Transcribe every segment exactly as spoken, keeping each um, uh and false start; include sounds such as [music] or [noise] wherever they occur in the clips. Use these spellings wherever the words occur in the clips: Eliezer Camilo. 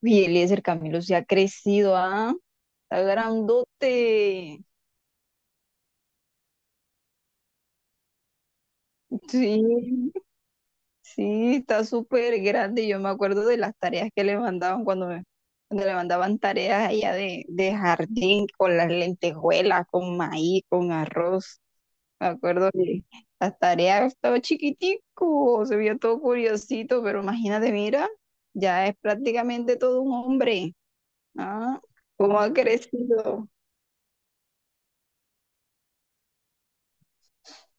Uy, Eliezer Camilo se ha crecido, ¿ah? Está grandote. Sí, sí, está súper grande. Yo me acuerdo de las tareas que le mandaban cuando me, cuando le mandaban tareas allá de, de jardín con las lentejuelas, con maíz, con arroz. Me acuerdo que las tareas estaba chiquitico, se veía todo curiosito, pero imagínate, mira, ya es prácticamente todo un hombre, ¿ah? ¿Cómo ha crecido?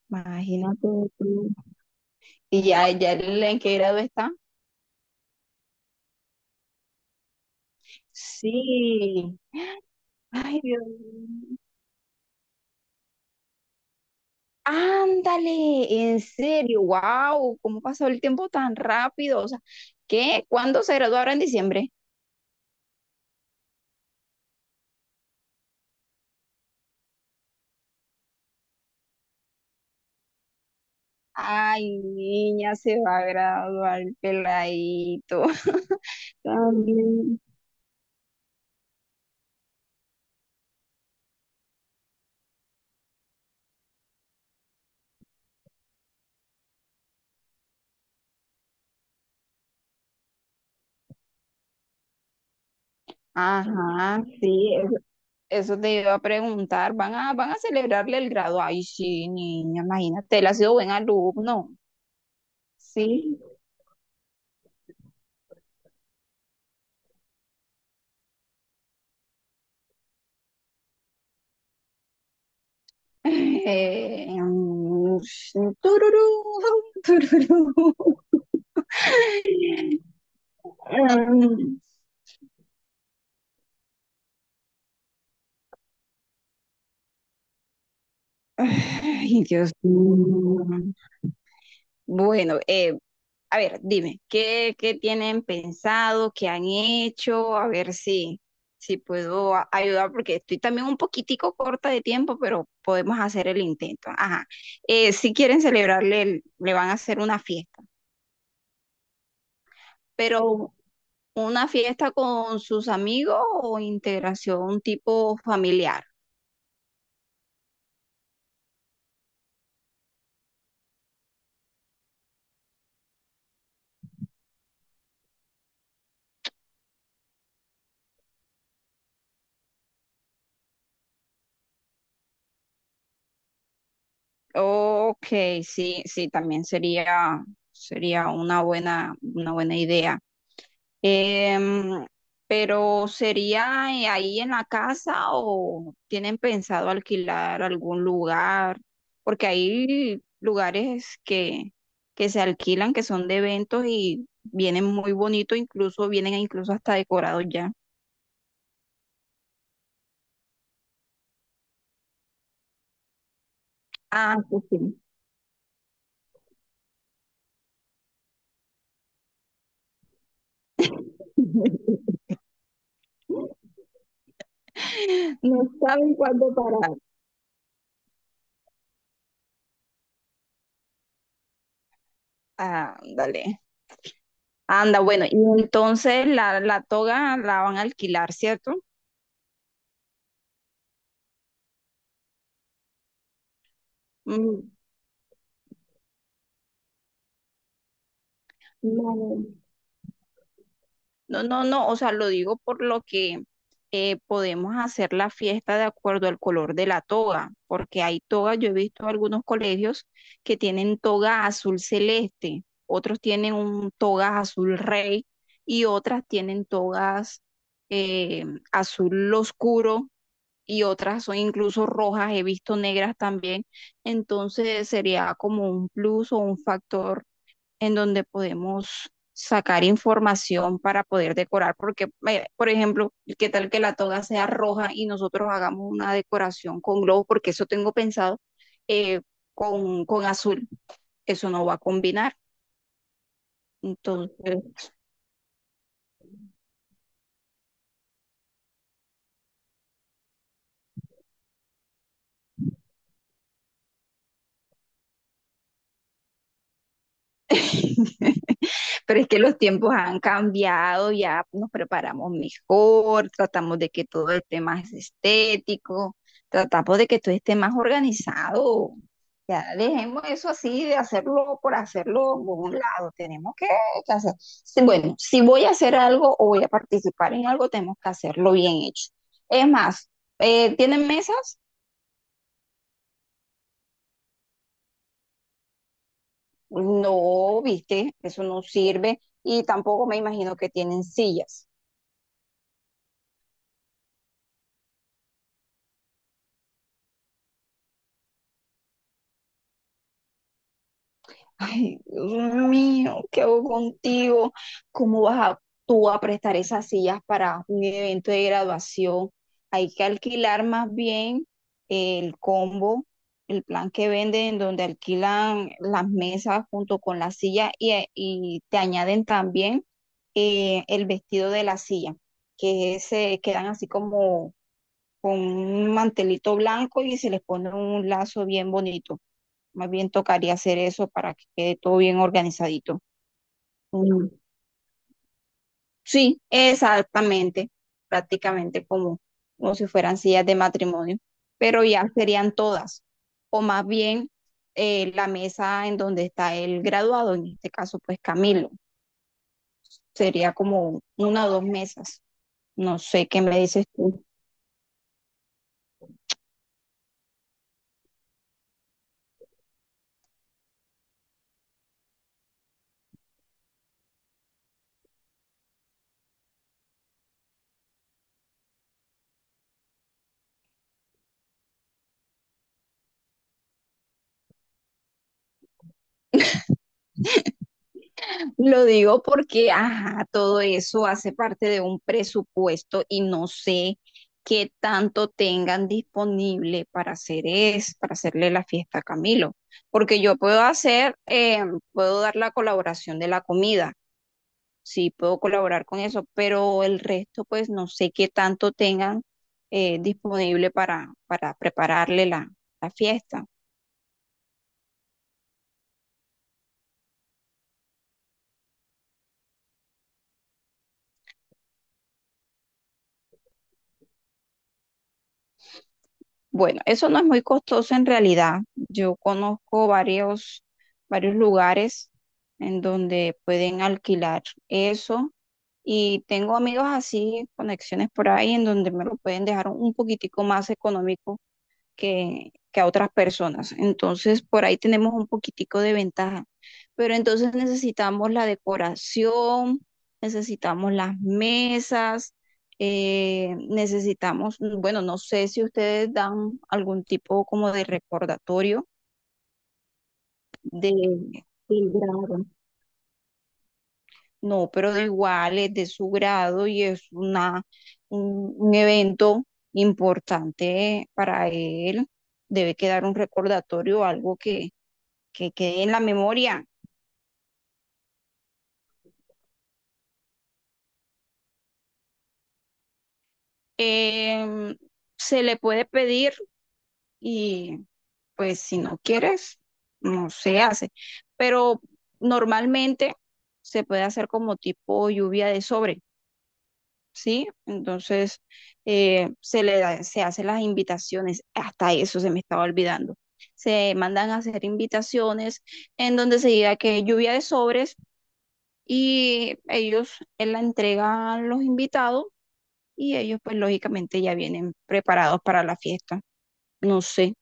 Imagínate tú. Y ya, ya el- en qué grado está. Sí. Ay, Dios mío. Ándale, en serio, wow, ¿cómo pasó el tiempo tan rápido? O sea, ¿qué? ¿Cuándo se graduó ahora en diciembre? Ay, niña, se va a graduar el peladito. [laughs] También. Ajá, sí, eso, eso te iba a preguntar. ¿Van a, van a celebrarle el grado? Ay, sí, niña, imagínate, él ha sido buen alumno. Sí. Eh, mm, sí, tururú, tururú. Mm, Ay, Dios mío. Bueno, eh, a ver, dime, ¿qué, ¿qué tienen pensado, qué han hecho? A ver si, si puedo a- ayudar, porque estoy también un poquitico corta de tiempo, pero podemos hacer el intento. Ajá. Eh, si quieren celebrarle, el- le van a hacer una fiesta, pero ¿una fiesta con sus amigos o integración tipo familiar? Ok, sí, sí, también sería, sería una buena, una buena idea. Em, pero ¿sería eh, ahí en la casa o tienen pensado alquilar algún lugar? Porque hay lugares que, que se alquilan, que son de eventos y vienen muy bonitos, incluso vienen incluso hasta decorados ya. Ah, sí, sí. [laughs] No saben cuándo parar. Ah, dale. Anda, bueno, y entonces la, la toga la van a alquilar, ¿cierto? Mm, No, no, no, no, o sea, lo digo por lo que eh, podemos hacer la fiesta de acuerdo al color de la toga, porque hay togas, yo he visto algunos colegios que tienen toga azul celeste, otros tienen un toga azul rey y otras tienen togas eh, azul oscuro y otras son incluso rojas, he visto negras también. Entonces sería como un plus o un factor en donde podemos sacar información para poder decorar, porque, eh, por ejemplo, qué tal que la toga sea roja y nosotros hagamos una decoración con globos porque eso tengo pensado eh, con, con azul, eso no va a combinar. Entonces, [laughs] pero es que los tiempos han cambiado, ya nos preparamos mejor, tratamos de que todo esté más estético, tratamos de que todo esté más organizado. Ya dejemos eso así de hacerlo por hacerlo por un lado. Tenemos que, que hacer. si- Bueno, si voy a hacer algo o voy a participar en algo, tenemos que hacerlo bien hecho. Es más, eh, ¿tienen mesas? No, viste, eso no sirve. Y tampoco me imagino que tienen sillas. Ay, Dios mío, ¿qué hago contigo? ¿Cómo vas a, tú a prestar esas sillas para un evento de graduación? Hay que alquilar más bien el combo, el plan que venden, donde alquilan las mesas junto con la silla y, eh, y te añaden también eh, el vestido de la silla, que se quedan así como con un mantelito blanco y se les pone un lazo bien bonito. Más bien tocaría hacer eso para que quede todo bien organizadito. Mm, Sí, exactamente, prácticamente como, como si fueran sillas de matrimonio, pero ya serían todas, o más bien eh, la mesa en donde está el graduado, en este caso pues Camilo, sería como una o dos mesas, no sé qué me dices tú. Lo digo porque, ajá, todo eso hace parte de un presupuesto y no sé qué tanto tengan disponible para hacer es, para hacerle la fiesta a Camilo. Porque yo puedo hacer, eh, puedo dar la colaboración de la comida, sí, puedo colaborar con eso, pero el resto, pues no sé qué tanto tengan eh, disponible para, para prepararle la, la fiesta. Bueno, eso no es muy costoso en realidad. Yo conozco varios, varios lugares en donde pueden alquilar eso y tengo amigos así, conexiones por ahí en donde me lo pueden dejar un poquitico más económico que, que a otras personas. Entonces, por ahí tenemos un poquitico de ventaja. Pero entonces necesitamos la decoración, necesitamos las mesas, eh, necesitamos, bueno, no sé si ustedes dan algún tipo como de recordatorio de, del grado. No, pero de igual es de su grado y es una, un, un evento importante para él. Debe quedar un recordatorio, algo que, que quede en la memoria. Eh, Se le puede pedir y pues si no quieres, no se hace. Pero normalmente se puede hacer como tipo lluvia de sobre, ¿sí? Entonces eh, se le da- se hacen las invitaciones, hasta eso se me estaba olvidando. Se mandan a hacer invitaciones en donde se diga que lluvia de sobres y ellos eh, la entregan a los invitados y ellos pues lógicamente ya vienen preparados para la fiesta. No sé.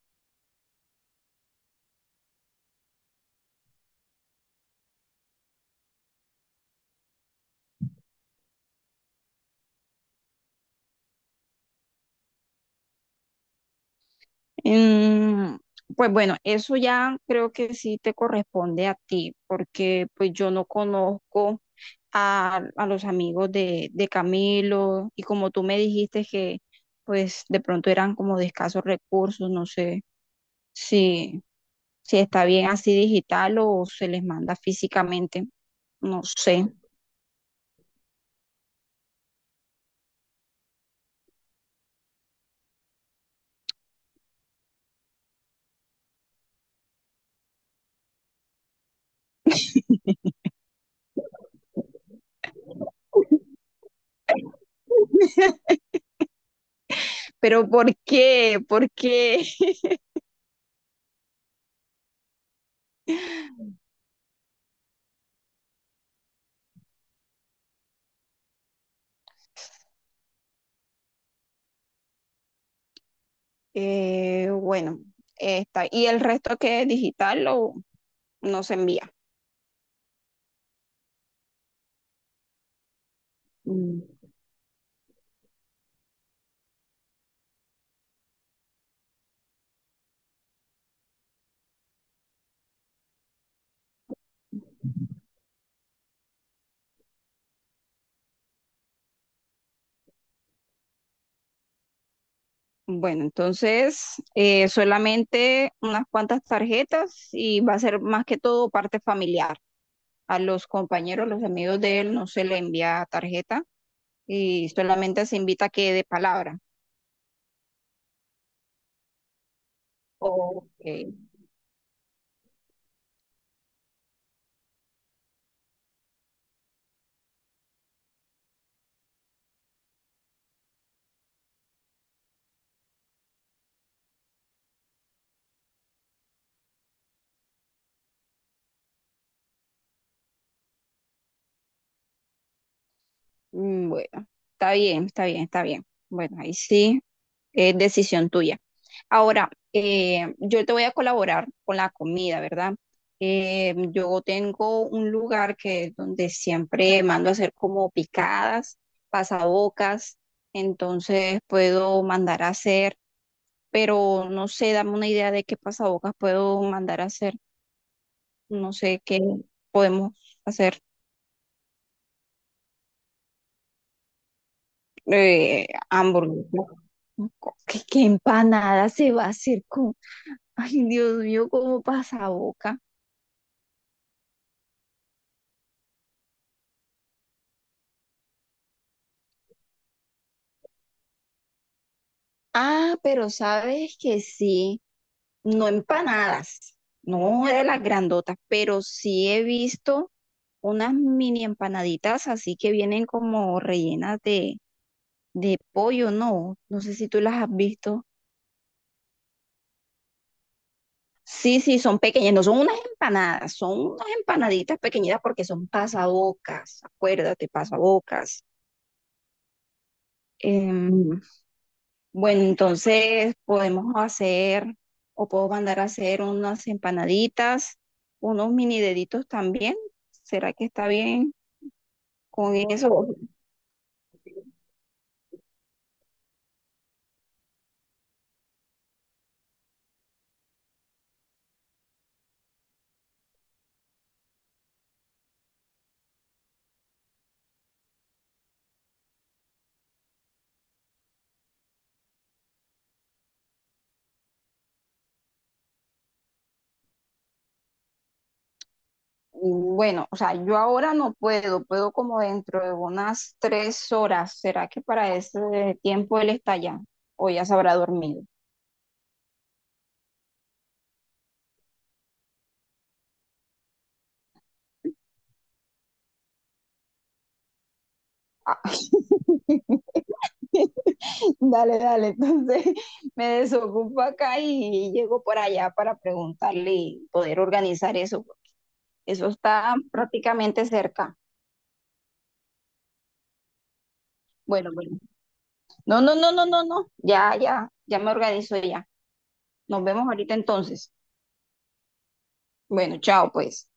Mm, pues bueno, eso ya creo que sí te corresponde a ti, porque pues yo no conozco a, a los amigos de, de Camilo y como tú me dijiste que pues de pronto eran como de escasos recursos, no sé si, si está bien así digital o se les manda físicamente, no sé. [laughs] Pero ¿por qué? ¿Por qué? [laughs] Eh, bueno, está. Y el resto que es digital lo, no se envía. Mm. Bueno, entonces eh, solamente unas cuantas tarjetas y va a ser más que todo parte familiar. A los compañeros, los amigos de él no se le envía tarjeta y solamente se invita a que de palabra. Ok. Mm, Bueno, está bien, está bien, está bien. Bueno, ahí sí es decisión tuya. Ahora, eh, yo te voy a colaborar con la comida, ¿verdad? Eh, yo tengo un lugar que donde siempre mando a hacer como picadas, pasabocas, entonces puedo mandar a hacer, pero no sé, dame una idea de qué pasabocas puedo mandar a hacer, no sé qué podemos hacer, eh, hamburguesas, ¿qué, ¿qué empanada se va a hacer con, ay Dios mío, como pasaboca? Ah, pero sabes que sí, no empanadas, no de las grandotas, pero sí he visto unas mini empanaditas así que vienen como rellenas de, de pollo, ¿no? No sé si tú las has visto. Sí, sí, son pequeñas, no son unas empanadas, son unas empanaditas pequeñitas porque son pasabocas, acuérdate, pasabocas. Em, Bueno, entonces podemos hacer o puedo mandar a hacer unas empanaditas, unos mini deditos también. ¿Será que está bien con eso? Mm, Bueno, o sea, yo ahora no puedo, puedo como dentro de unas tres horas. ¿Será que para ese tiempo él está allá o ya se habrá dormido? Ah, [laughs] dale, dale, entonces [laughs] me desocupo acá y llego por allá para preguntarle y poder organizar eso. Eso está prácticamente cerca. Bueno, bueno. No, no, no, no, no, no. Ya, ya, ya me organizo ya. Nos vemos ahorita entonces. Bueno, chao, pues.